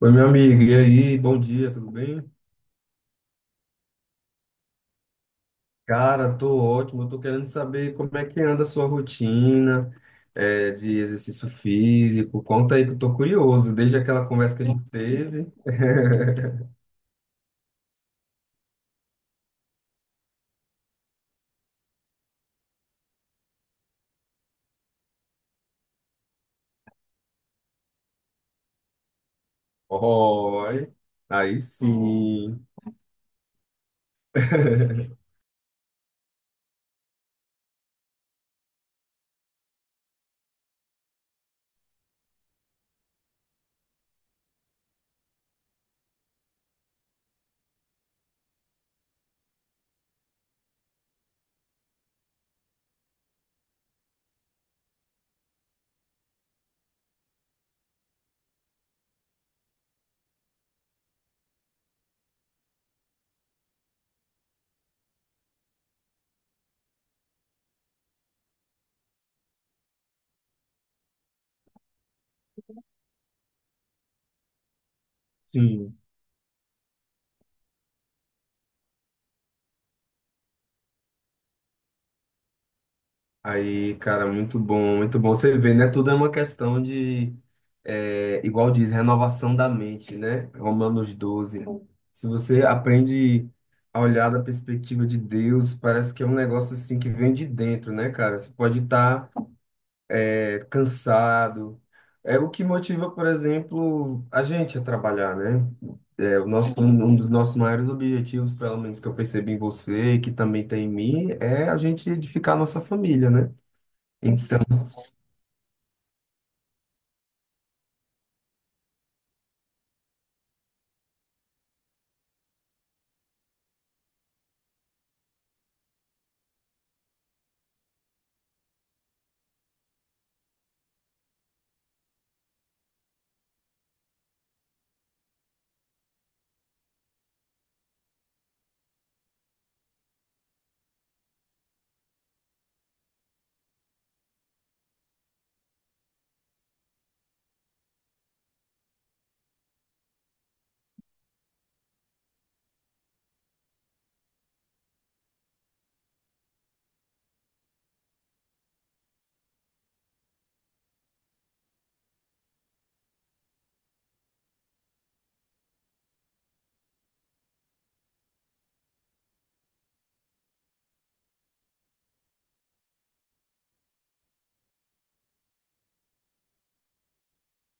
Oi, meu amigo, e aí? Bom dia, tudo bem? Cara, tô ótimo. Eu tô querendo saber como é que anda a sua rotina, de exercício físico. Conta aí que eu tô curioso, desde aquela conversa que a gente teve. Oi, aí sim. Sim. Aí, cara, muito bom, muito bom. Você vê, né? Tudo é uma questão de, é, igual diz, renovação da mente, né? Romanos 12. Se você aprende a olhar da perspectiva de Deus, parece que é um negócio assim que vem de dentro, né, cara? Você pode estar cansado. É o que motiva, por exemplo, a gente a trabalhar, né? É, o nosso, um dos nossos maiores objetivos, pelo menos que eu percebi em você e que também tem em mim, é a gente edificar a nossa família, né? Então,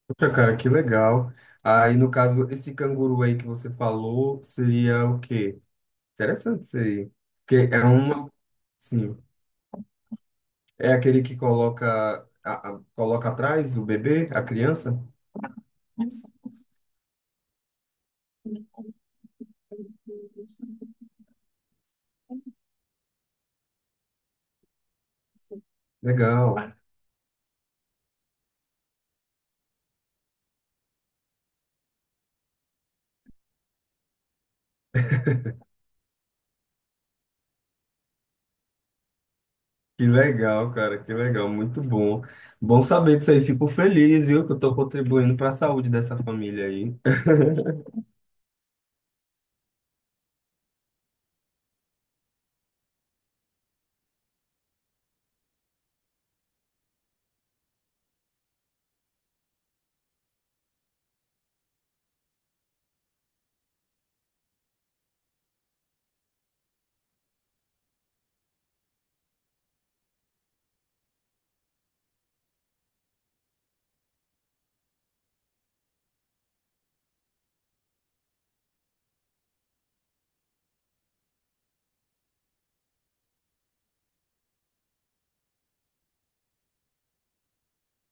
poxa, cara, que legal. Aí, no caso, esse canguru aí que você falou seria o quê? Interessante isso aí. Porque é uma. Sim. É aquele que coloca, coloca atrás o bebê, a criança? Isso. Legal. Que legal, cara, que legal. Muito bom. Bom saber disso aí. Fico feliz, viu, que eu tô contribuindo para a saúde dessa família aí.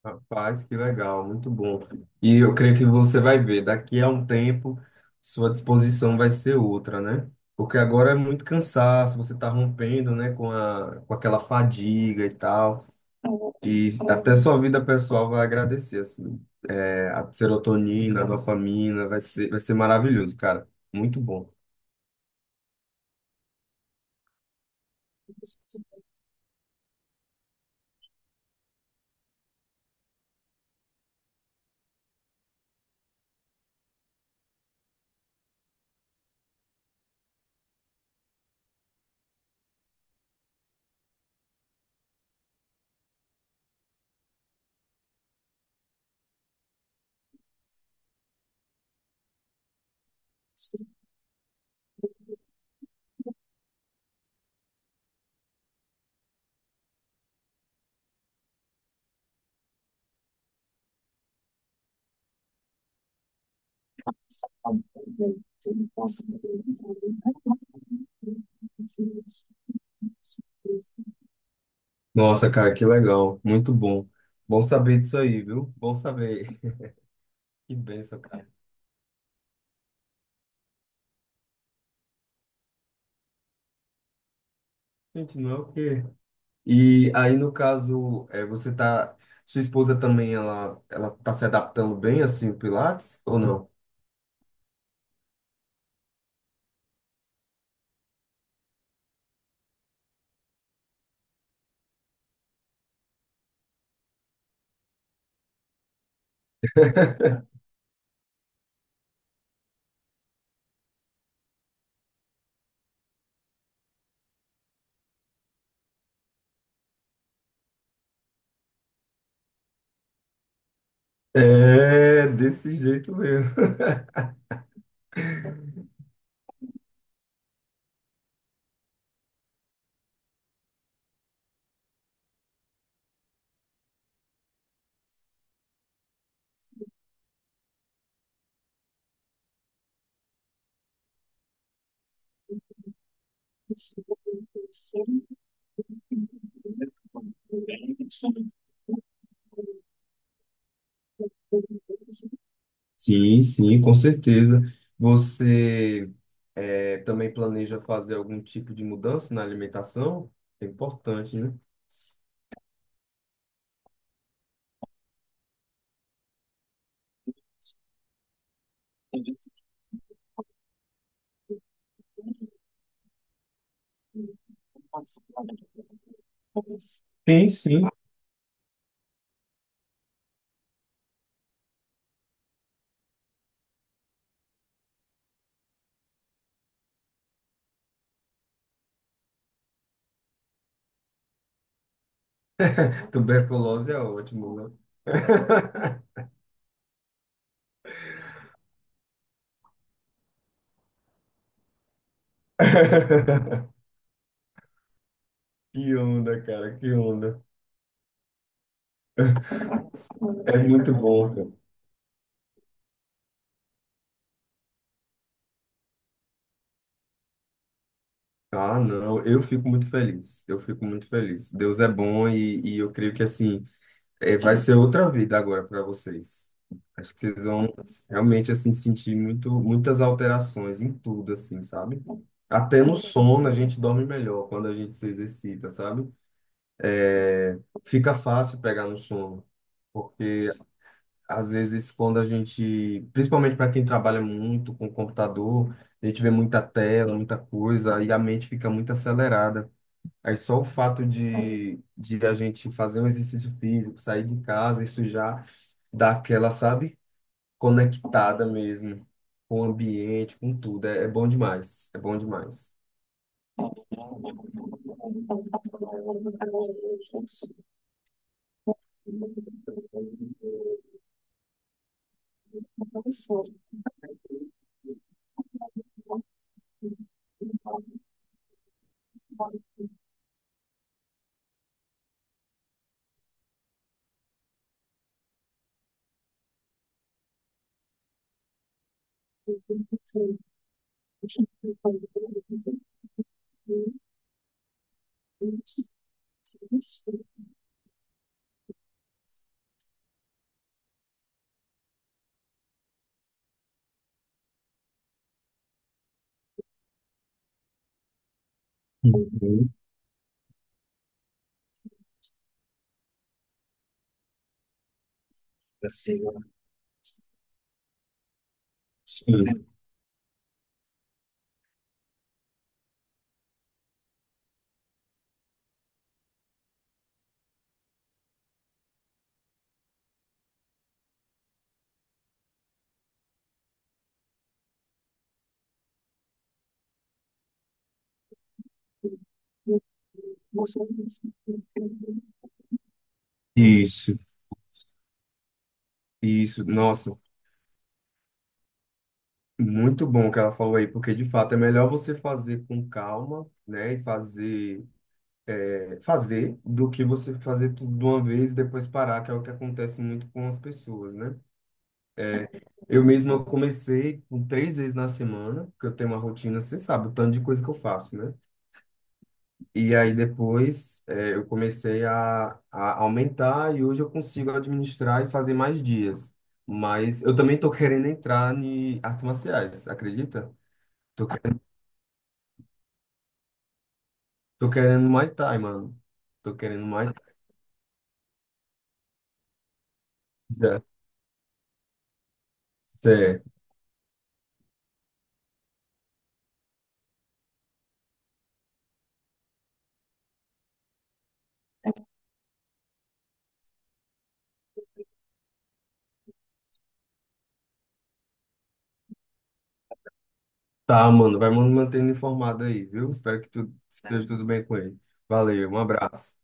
Rapaz, que legal, muito bom. E eu creio que você vai ver, daqui a um tempo, sua disposição vai ser outra, né? Porque agora é muito cansaço, você está rompendo, né, com a, com aquela fadiga e tal, e até sua vida pessoal vai agradecer, assim. É, a serotonina, a dopamina, vai ser maravilhoso, cara. Muito bom. Nossa, cara, que legal, muito bom. Bom saber disso aí, viu? Bom saber. Que bênção, cara. Gente, não é o quê? E aí, no caso, é, você tá. Sua esposa também, ela tá se adaptando bem, assim, o Pilates, ou não? É, desse jeito mesmo. Sim, sim, com certeza. Você, é, também planeja fazer algum tipo de mudança na alimentação? É importante, né? Tuberculose é ótimo, né? Que onda, cara, que onda. É muito bom. Ah, não, eu fico muito feliz. Eu fico muito feliz. Deus é bom e eu creio que assim, é, vai ser outra vida agora para vocês. Acho que vocês vão realmente assim sentir muito, muitas alterações em tudo, assim, sabe? Até no sono a gente dorme melhor quando a gente se exercita, sabe? Fica fácil pegar no sono, porque às vezes quando a gente, principalmente para quem trabalha muito com computador, a gente vê muita tela, muita coisa e a mente fica muito acelerada. Aí só o fato de a gente fazer um exercício físico, sair de casa, isso já dá aquela, sabe, conectada mesmo com o ambiente, com tudo. É, é bom demais, é bom demais. Uhum. Sim. Isso, isso, nossa, muito bom o que ela falou aí, porque de fato é melhor você fazer com calma, né, e fazer, é, fazer do que você fazer tudo de uma vez e depois parar, que é o que acontece muito com as pessoas, né? Eu mesmo eu comecei com 3 vezes na semana, porque eu tenho uma rotina, você sabe, o tanto de coisa que eu faço, né? E aí depois, eu comecei a aumentar e hoje eu consigo administrar e fazer mais dias. Mas eu também tô querendo entrar em artes marciais, acredita? Tô, tô querendo Muay Thai, mano. Tô querendo Muay Thai. Já. Certo. Tá, mano. Vai me mantendo informado aí, viu? Espero que tu esteja tudo bem com ele. Valeu, um abraço.